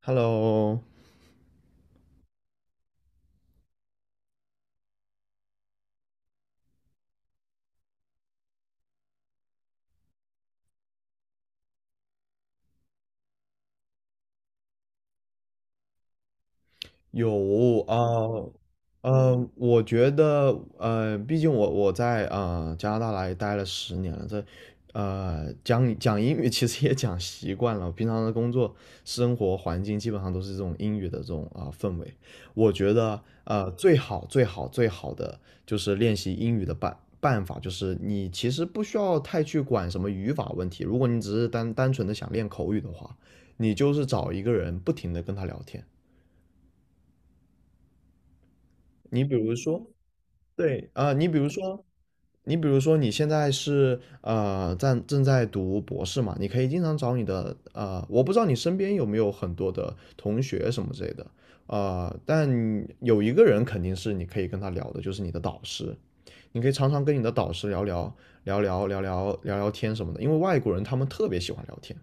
Hello。有啊，我觉得，毕竟我在加拿大来待了10年了。这讲讲英语其实也讲习惯了，平常的工作生活环境基本上都是这种英语的这种氛围。我觉得，最好的就是练习英语的办法，就是你其实不需要太去管什么语法问题。如果你只是单纯的想练口语的话，你就是找一个人不停的跟他聊天。你比如说，对啊，你比如说，你比如说你现在是正在读博士嘛。你可以经常找你的我不知道你身边有没有很多的同学什么之类的，但有一个人肯定是你可以跟他聊的，就是你的导师，你可以常常跟你的导师聊聊天什么的，因为外国人他们特别喜欢聊天。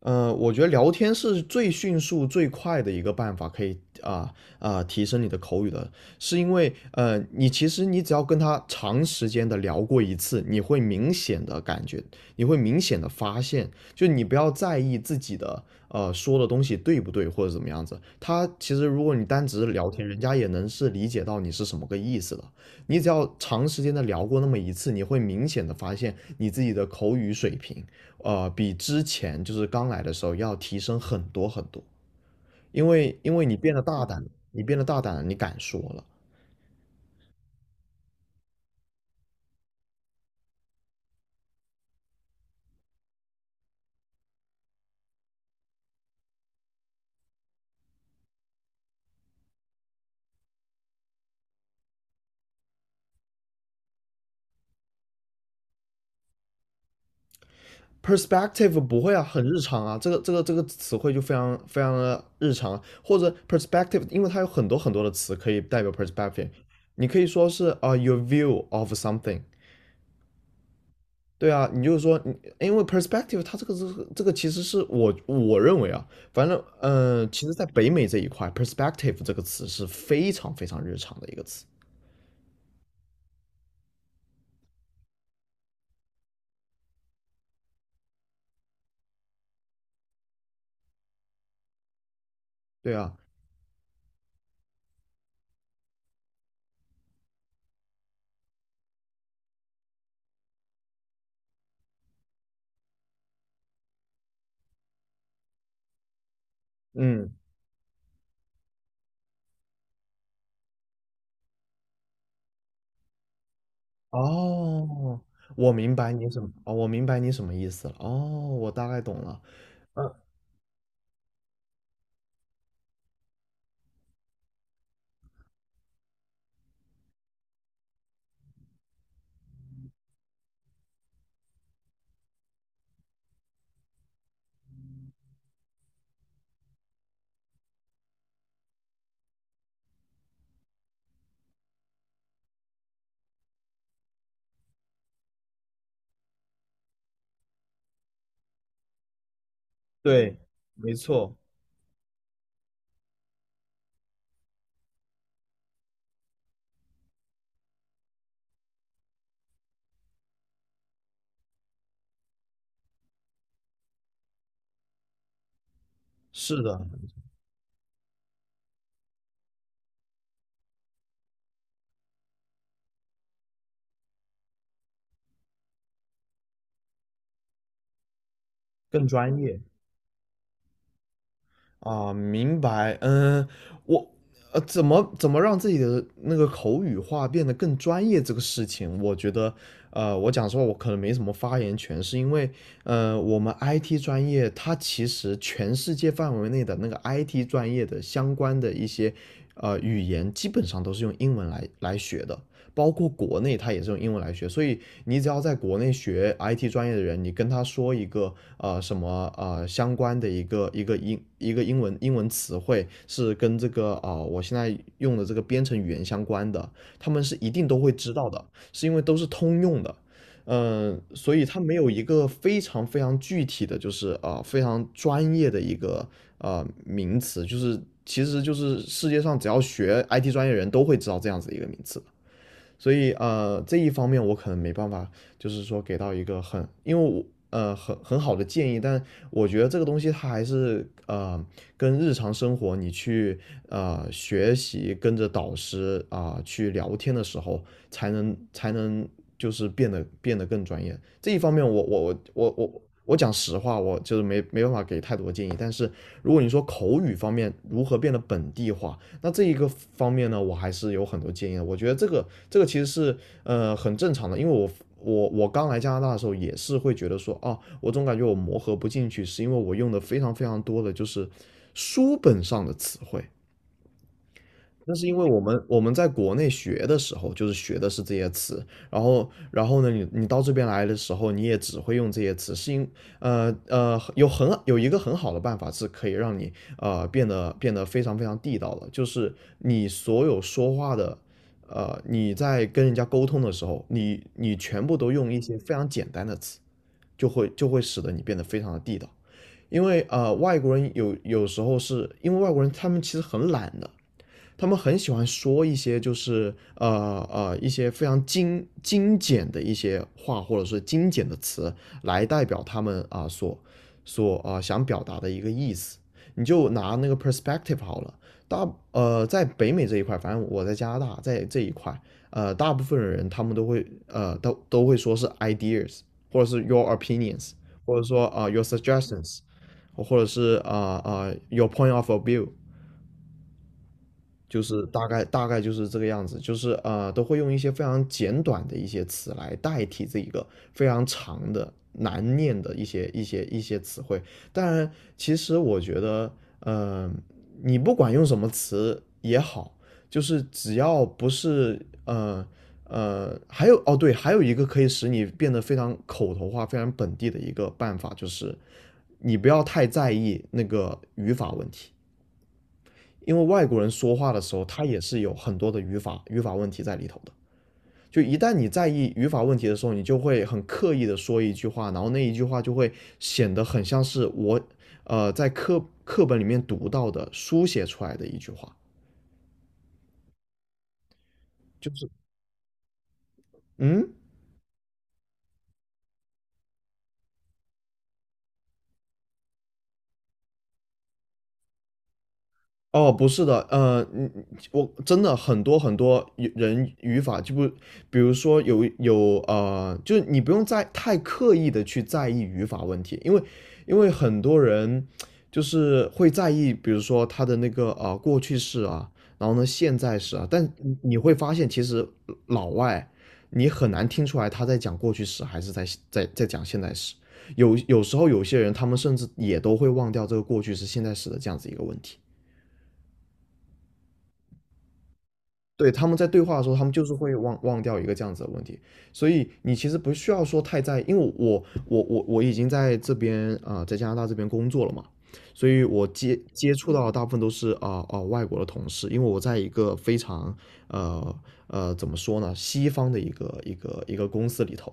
我觉得聊天是最迅速、最快的一个办法，可以啊提升你的口语的。是因为你其实你只要跟他长时间的聊过一次，你会明显的感觉，你会明显的发现，就你不要在意自己的说的东西对不对或者怎么样子，他其实如果你单只是聊天，人家也能是理解到你是什么个意思的。你只要长时间的聊过那么一次，你会明显的发现你自己的口语水平比之前就是刚来的时候要提升很多很多。因为你变得大胆了，你变得大胆了，你敢说了。perspective 不会啊，很日常啊，这个词汇就非常非常的日常啊。或者 perspective，因为它有很多很多的词可以代表 perspective。你可以说是your view of something。对啊，你就是说，你因为 perspective 它这个其实是我认为啊。反正其实在北美这一块，perspective 这个词是非常非常日常的一个词。对啊。嗯。哦，我明白你什么，哦，我明白你什么意思了。哦，我大概懂了。嗯，对，没错，是的。更专业。啊，明白。嗯，我怎么让自己的那个口语化变得更专业这个事情，我觉得，我讲实话，我可能没什么发言权。是因为，我们 IT 专业，它其实全世界范围内的那个 IT 专业的相关的一些，语言基本上都是用英文来学的。包括国内他也是用英文来学，所以你只要在国内学 IT 专业的人，你跟他说一个什么相关的一个英文词汇是跟这个我现在用的这个编程语言相关的，他们是一定都会知道的，是因为都是通用的。嗯，所以它没有一个非常非常具体的，就是非常专业的一个名词，就是其实就是世界上只要学 IT 专业的人都会知道这样子一个名词。所以这一方面我可能没办法，就是说给到一个很，因为我很好的建议。但我觉得这个东西它还是跟日常生活你去学习，跟着导师去聊天的时候，才能就是变得更专业。这一方面我讲实话，我就是没办法给太多建议。但是如果你说口语方面如何变得本地化，那这一个方面呢，我还是有很多建议的。我觉得这个其实是很正常的。因为我刚来加拿大的时候也是会觉得说，啊，我总感觉我磨合不进去，是因为我用的非常非常多的就是书本上的词汇。那是因为我们在国内学的时候，就是学的是这些词。然后呢，你到这边来的时候，你也只会用这些词。是因呃呃有一个很好的办法是可以让你变得非常非常地道的，就是你所有说话的，你在跟人家沟通的时候，你全部都用一些非常简单的词，就会使得你变得非常的地道。因为外国人有时候是因为外国人他们其实很懒的。他们很喜欢说一些就是一些非常精简的一些话，或者是精简的词来代表他们所想表达的一个意思。你就拿那个 perspective 好了。在北美这一块，反正我在加拿大在这一块，大部分人他们都会说是 ideas，或者是 your opinions，或者说your suggestions，或者是your point of view。就是大概就是这个样子，就是都会用一些非常简短的一些词来代替这一个非常长的难念的一些词汇。当然，其实我觉得，呃，你不管用什么词也好，就是只要不是，还有哦对，还有一个可以使你变得非常口头化、非常本地的一个办法，就是你不要太在意那个语法问题。因为外国人说话的时候，他也是有很多的语法问题在里头的。就一旦你在意语法问题的时候，你就会很刻意的说一句话，然后那一句话就会显得很像是我在课本里面读到的书写出来的一句话。就是嗯。哦，不是的，我真的很多很多语法就不，比如说有有呃，就是你不用在太刻意的去在意语法问题。因为很多人就是会在意，比如说他的那个过去式啊，然后呢现在式啊。但你会发现其实老外你很难听出来他在讲过去式还是在讲现在时。有时候有些人他们甚至也都会忘掉这个过去式现在时的这样子一个问题。对，他们在对话的时候，他们就是会忘掉一个这样子的问题。所以你其实不需要说太在意，因为我已经在这边在加拿大这边工作了嘛。所以我接触到的大部分都是外国的同事，因为我在一个非常呃怎么说呢，西方的一个公司里头。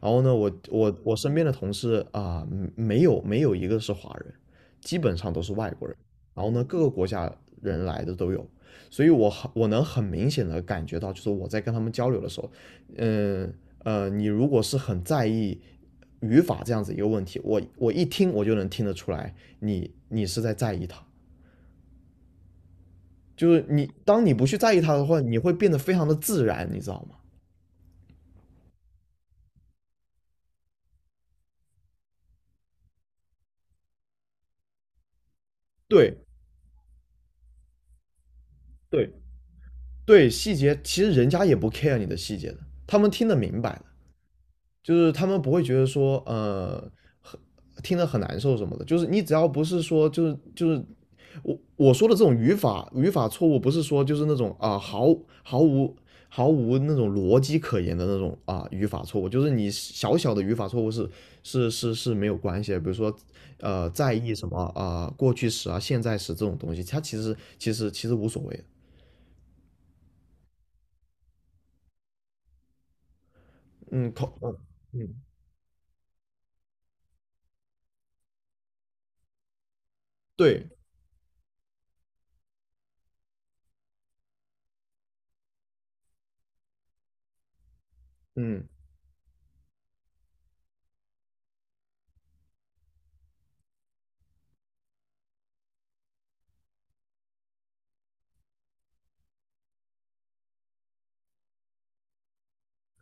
然后呢，我身边的同事没有一个是华人，基本上都是外国人。然后呢，各个国家人来的都有。所以我能很明显的感觉到，就是我在跟他们交流的时候，嗯你如果是很在意语法这样子一个问题，我一听我就能听得出来你，你是在在意它。就是你当你不去在意它的话，你会变得非常的自然，你知道吗？对对对，细节其实人家也不 care 你的细节的，他们听得明白的。就是他们不会觉得说，很听得很难受什么的。就是你只要不是说，就是我说的这种语法错误。不是说就是那种毫无毫无那种逻辑可言的那种语法错误。就是你小小的语法错误是没有关系的。比如说，在意什么过去时啊现在时这种东西，它其实无所谓的。嗯，口嗯嗯对嗯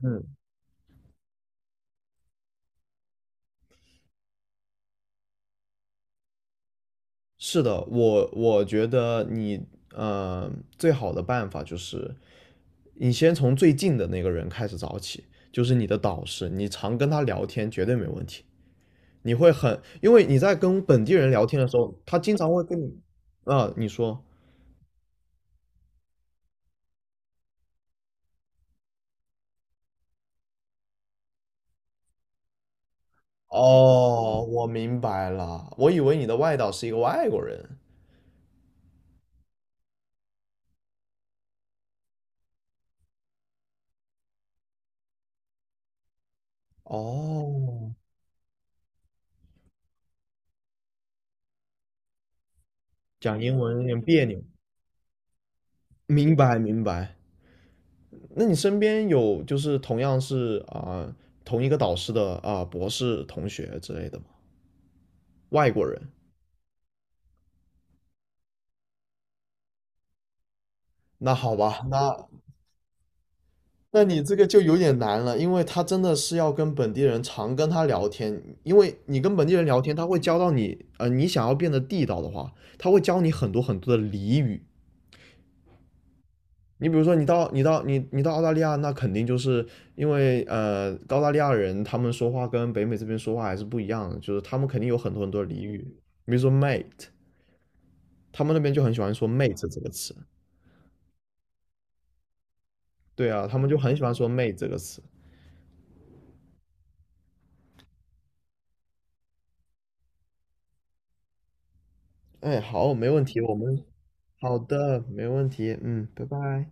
嗯。是的，我觉得你呃最好的办法就是你先从最近的那个人开始找起，就是你的导师，你常跟他聊天绝对没问题。你会很，因为你在跟本地人聊天的时候，他经常会跟你。啊，你说。哦，我明白了，我以为你的外导是一个外国人。哦，讲英文有点别扭。明白明白。那你身边有就是同样是同一个导师的博士同学之类的吗？外国人？那好吧。那你这个就有点难了，因为他真的是要跟本地人常跟他聊天，因为你跟本地人聊天，他会教到你。你想要变得地道的话，他会教你很多很多的俚语。你比如说你，到你到你你到澳大利亚，那肯定就是因为澳大利亚人他们说话跟北美这边说话还是不一样的，就是他们肯定有很多很多俚语，比如说 mate，他们那边就很喜欢说"妹子"这个词。对啊，他们就很喜欢说"妹"这个词。哎，好，没问题，我们好的，没问题。嗯，拜拜。